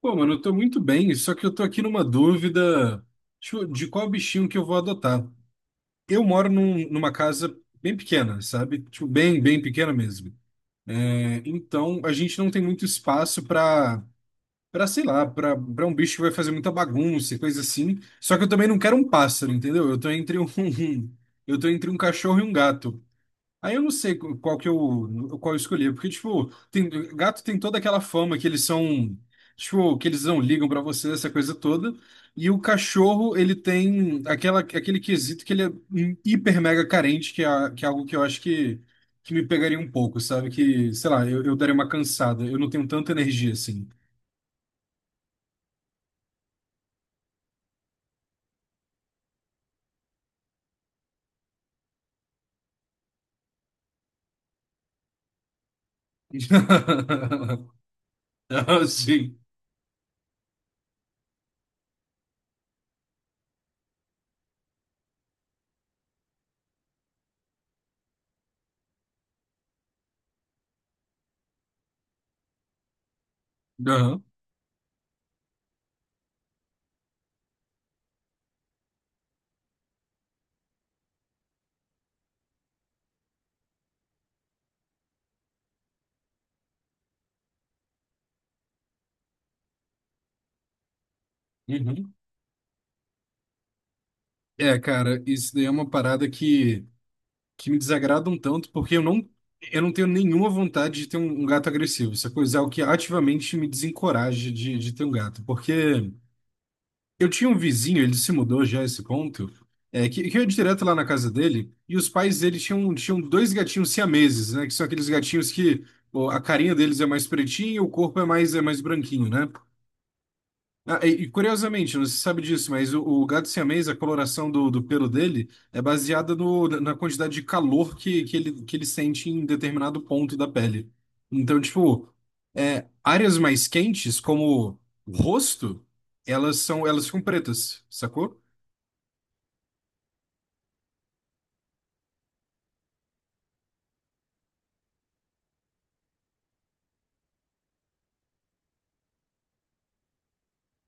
Pô, mano, eu tô muito bem, só que eu tô aqui numa dúvida tipo, de qual bichinho que eu vou adotar. Eu moro numa casa bem pequena, sabe? Tipo, bem pequena mesmo. É, então, a gente não tem muito espaço sei lá, pra um bicho que vai fazer muita bagunça e coisa assim. Só que eu também não quero um pássaro, entendeu? Eu tô entre um, eu tô entre um cachorro e um gato. Aí eu não sei qual eu escolhi, porque, tipo, tem, gato tem toda aquela fama que eles são, tipo, que eles não ligam pra você, essa coisa toda. E o cachorro, ele tem aquele quesito que ele é hiper mega carente, que é algo que eu acho que me pegaria um pouco, sabe? Que, sei lá, eu daria uma cansada, eu não tenho tanta energia assim. Ah, sim. Aham. Uhum. É, cara, isso daí é uma parada que. Que me desagrada um tanto, porque eu eu não tenho nenhuma vontade de ter um, um gato agressivo. Essa coisa é o que ativamente me desencoraja de ter um gato. Porque eu tinha um vizinho, ele se mudou já a esse ponto, é, que eu ia direto lá na casa dele, e os pais dele tinham dois gatinhos siameses, né? Que são aqueles gatinhos que pô, a carinha deles é mais pretinha e o corpo é é mais branquinho, né? Ah, curiosamente, não se sabe disso, mas o gato siamês, a coloração do pelo dele é baseada no, na quantidade de calor que que ele sente em determinado ponto da pele. Então, tipo, é, áreas mais quentes, como o rosto, elas são, elas ficam pretas, sacou?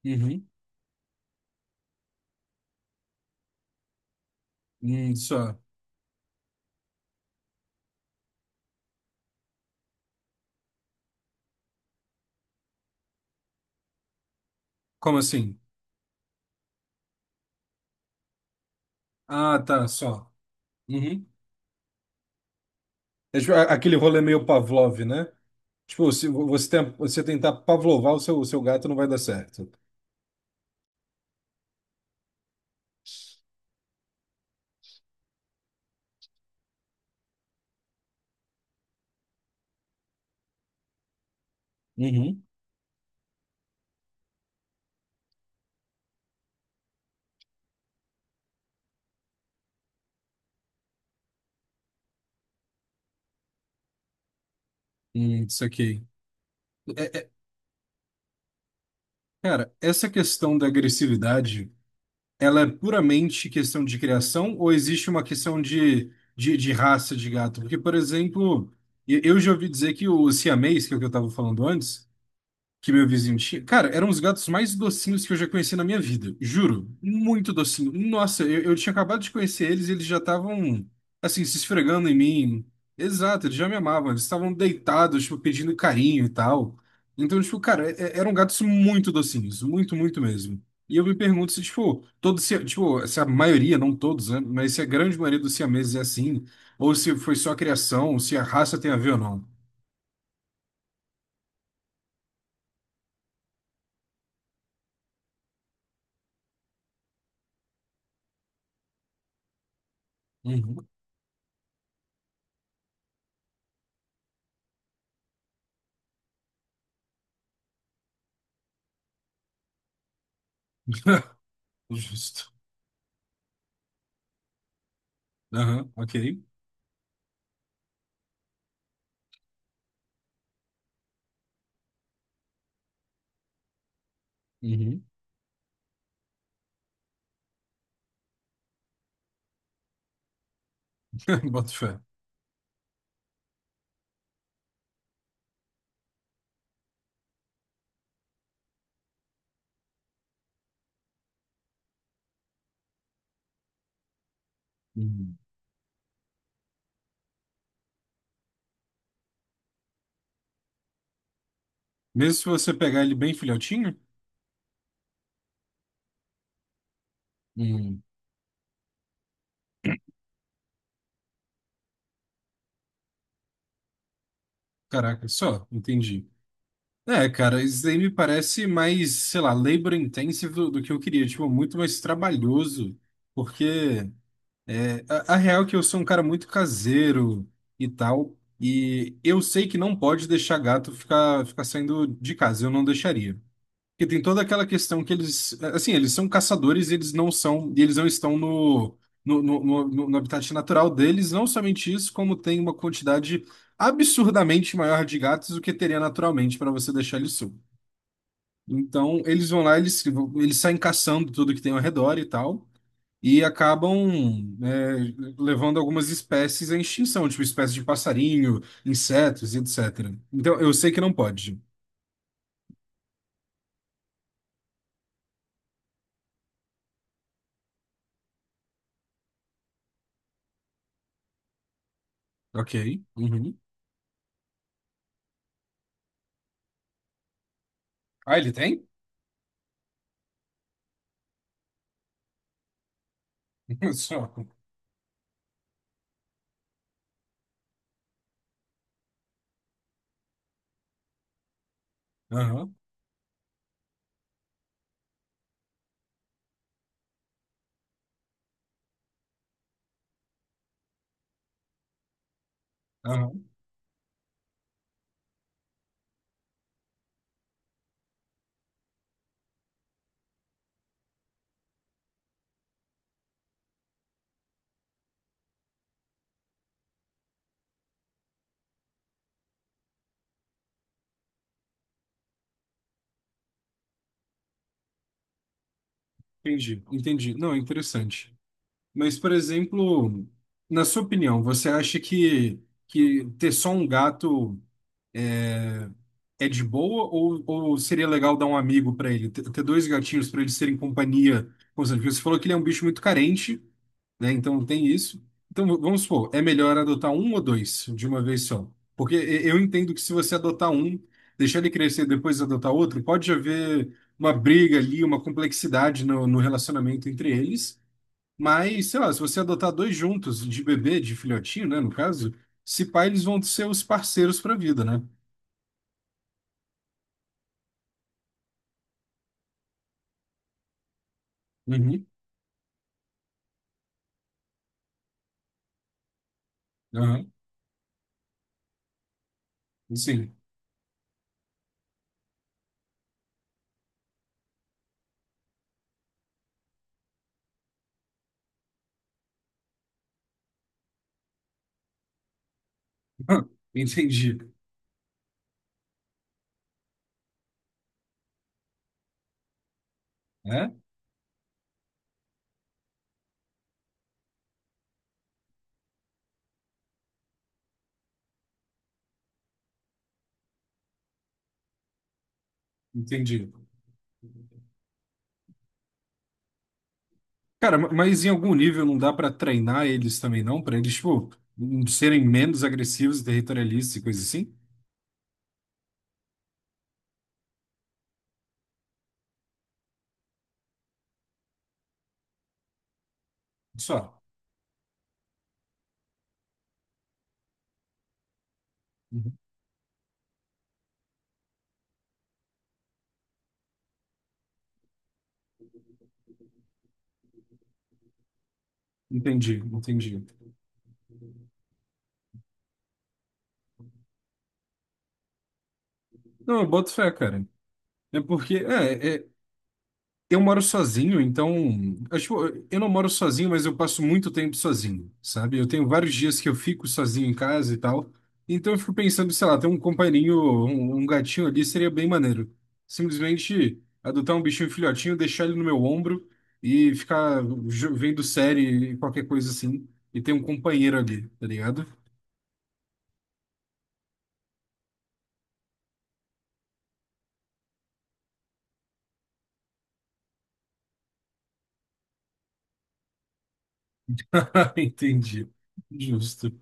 Uhum. Só. Como assim? Ah, tá, só. Uhum. É, tipo, aquele rolê meio Pavlov, né? Tipo, se vo- você, tem, você tentar pavlovar o seu gato, não vai dar certo. Uhum. Isso aqui. É- é- cara, essa questão da agressividade, ela é puramente questão de criação ou existe uma questão de, de raça de gato? Porque, por exemplo, eu já ouvi dizer que o siamês, que é o que eu estava falando antes, que meu vizinho tinha. Cara, eram os gatos mais docinhos que eu já conheci na minha vida. Juro. Muito docinho. Nossa, eu tinha acabado de conhecer eles e eles já estavam, assim, se esfregando em mim. Exato, eles já me amavam. Eles estavam deitados, tipo, pedindo carinho e tal. Então, tipo, cara, eram gatos muito docinhos. Muito, muito mesmo. E eu me pergunto se, tipo, todos, se- tipo, se a maioria, não todos, né? Mas se a grande maioria dos siameses é assim, ou se foi só a criação, se a raça tem a ver ou não. Uhum. Justo. Aham, ok. Uhum. Boto fé. Uhum. Mesmo se você pegar ele bem filhotinho? Uhum. Caraca, só, entendi. É, cara, isso daí me parece mais, sei lá, labor intensive do que eu queria, tipo, muito mais trabalhoso, porque é, a real é que eu sou um cara muito caseiro e tal, e eu sei que não pode deixar gato ficar saindo de casa, eu não deixaria. Porque tem toda aquela questão que eles, assim, eles são caçadores e eles não são, e eles não estão no habitat natural deles. Não somente isso, como tem uma quantidade absurdamente maior de gatos do que teria naturalmente para você deixar eles soltos. Então, eles vão lá, eles saem caçando tudo que tem ao redor e tal, e acabam é, levando algumas espécies à extinção, tipo espécies de passarinho, insetos e etc. Então, eu sei que não pode. Ok. Uhum. Ah, ele tem? Só. Aham, aham. Entendi, entendi. Não, interessante. Mas, por exemplo, na sua opinião, você acha que ter só um gato é de boa ou seria legal dar um amigo para ele? Ter dois gatinhos para eles serem companhia constante? Porque você falou que ele é um bicho muito carente, né? Então tem isso. Então vamos supor, é melhor adotar um ou dois de uma vez só. Porque eu entendo que se você adotar um, deixar ele crescer e depois adotar outro, pode haver uma briga ali, uma complexidade no, no relacionamento entre eles. Mas, sei lá, se você adotar dois juntos, de bebê, de filhotinho, né, no caso, se pá, eles vão ser os parceiros pra vida, né? Uhum, aham, sim. Entendi. É? Entendi. Cara, mas em algum nível não dá pra treinar eles também, não? Pra eles, tipo, serem menos agressivos e territorialistas e coisa assim? Só. Uhum. Entendi, entendi. Não, eu boto fé, cara. É porque, eu moro sozinho, então. Acho, eu não moro sozinho, mas eu passo muito tempo sozinho, sabe? Eu tenho vários dias que eu fico sozinho em casa e tal. Então eu fico pensando, sei lá, ter um companheirinho, um gatinho ali seria bem maneiro. Simplesmente adotar um bichinho filhotinho, deixar ele no meu ombro e ficar vendo série, qualquer coisa assim, e ter um companheiro ali, tá ligado? Entendi. Justo.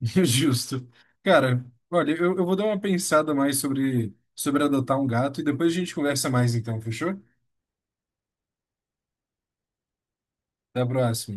Justo. Cara, olha, eu vou dar uma pensada mais sobre, sobre adotar um gato e depois a gente conversa mais então, fechou? Até a próxima.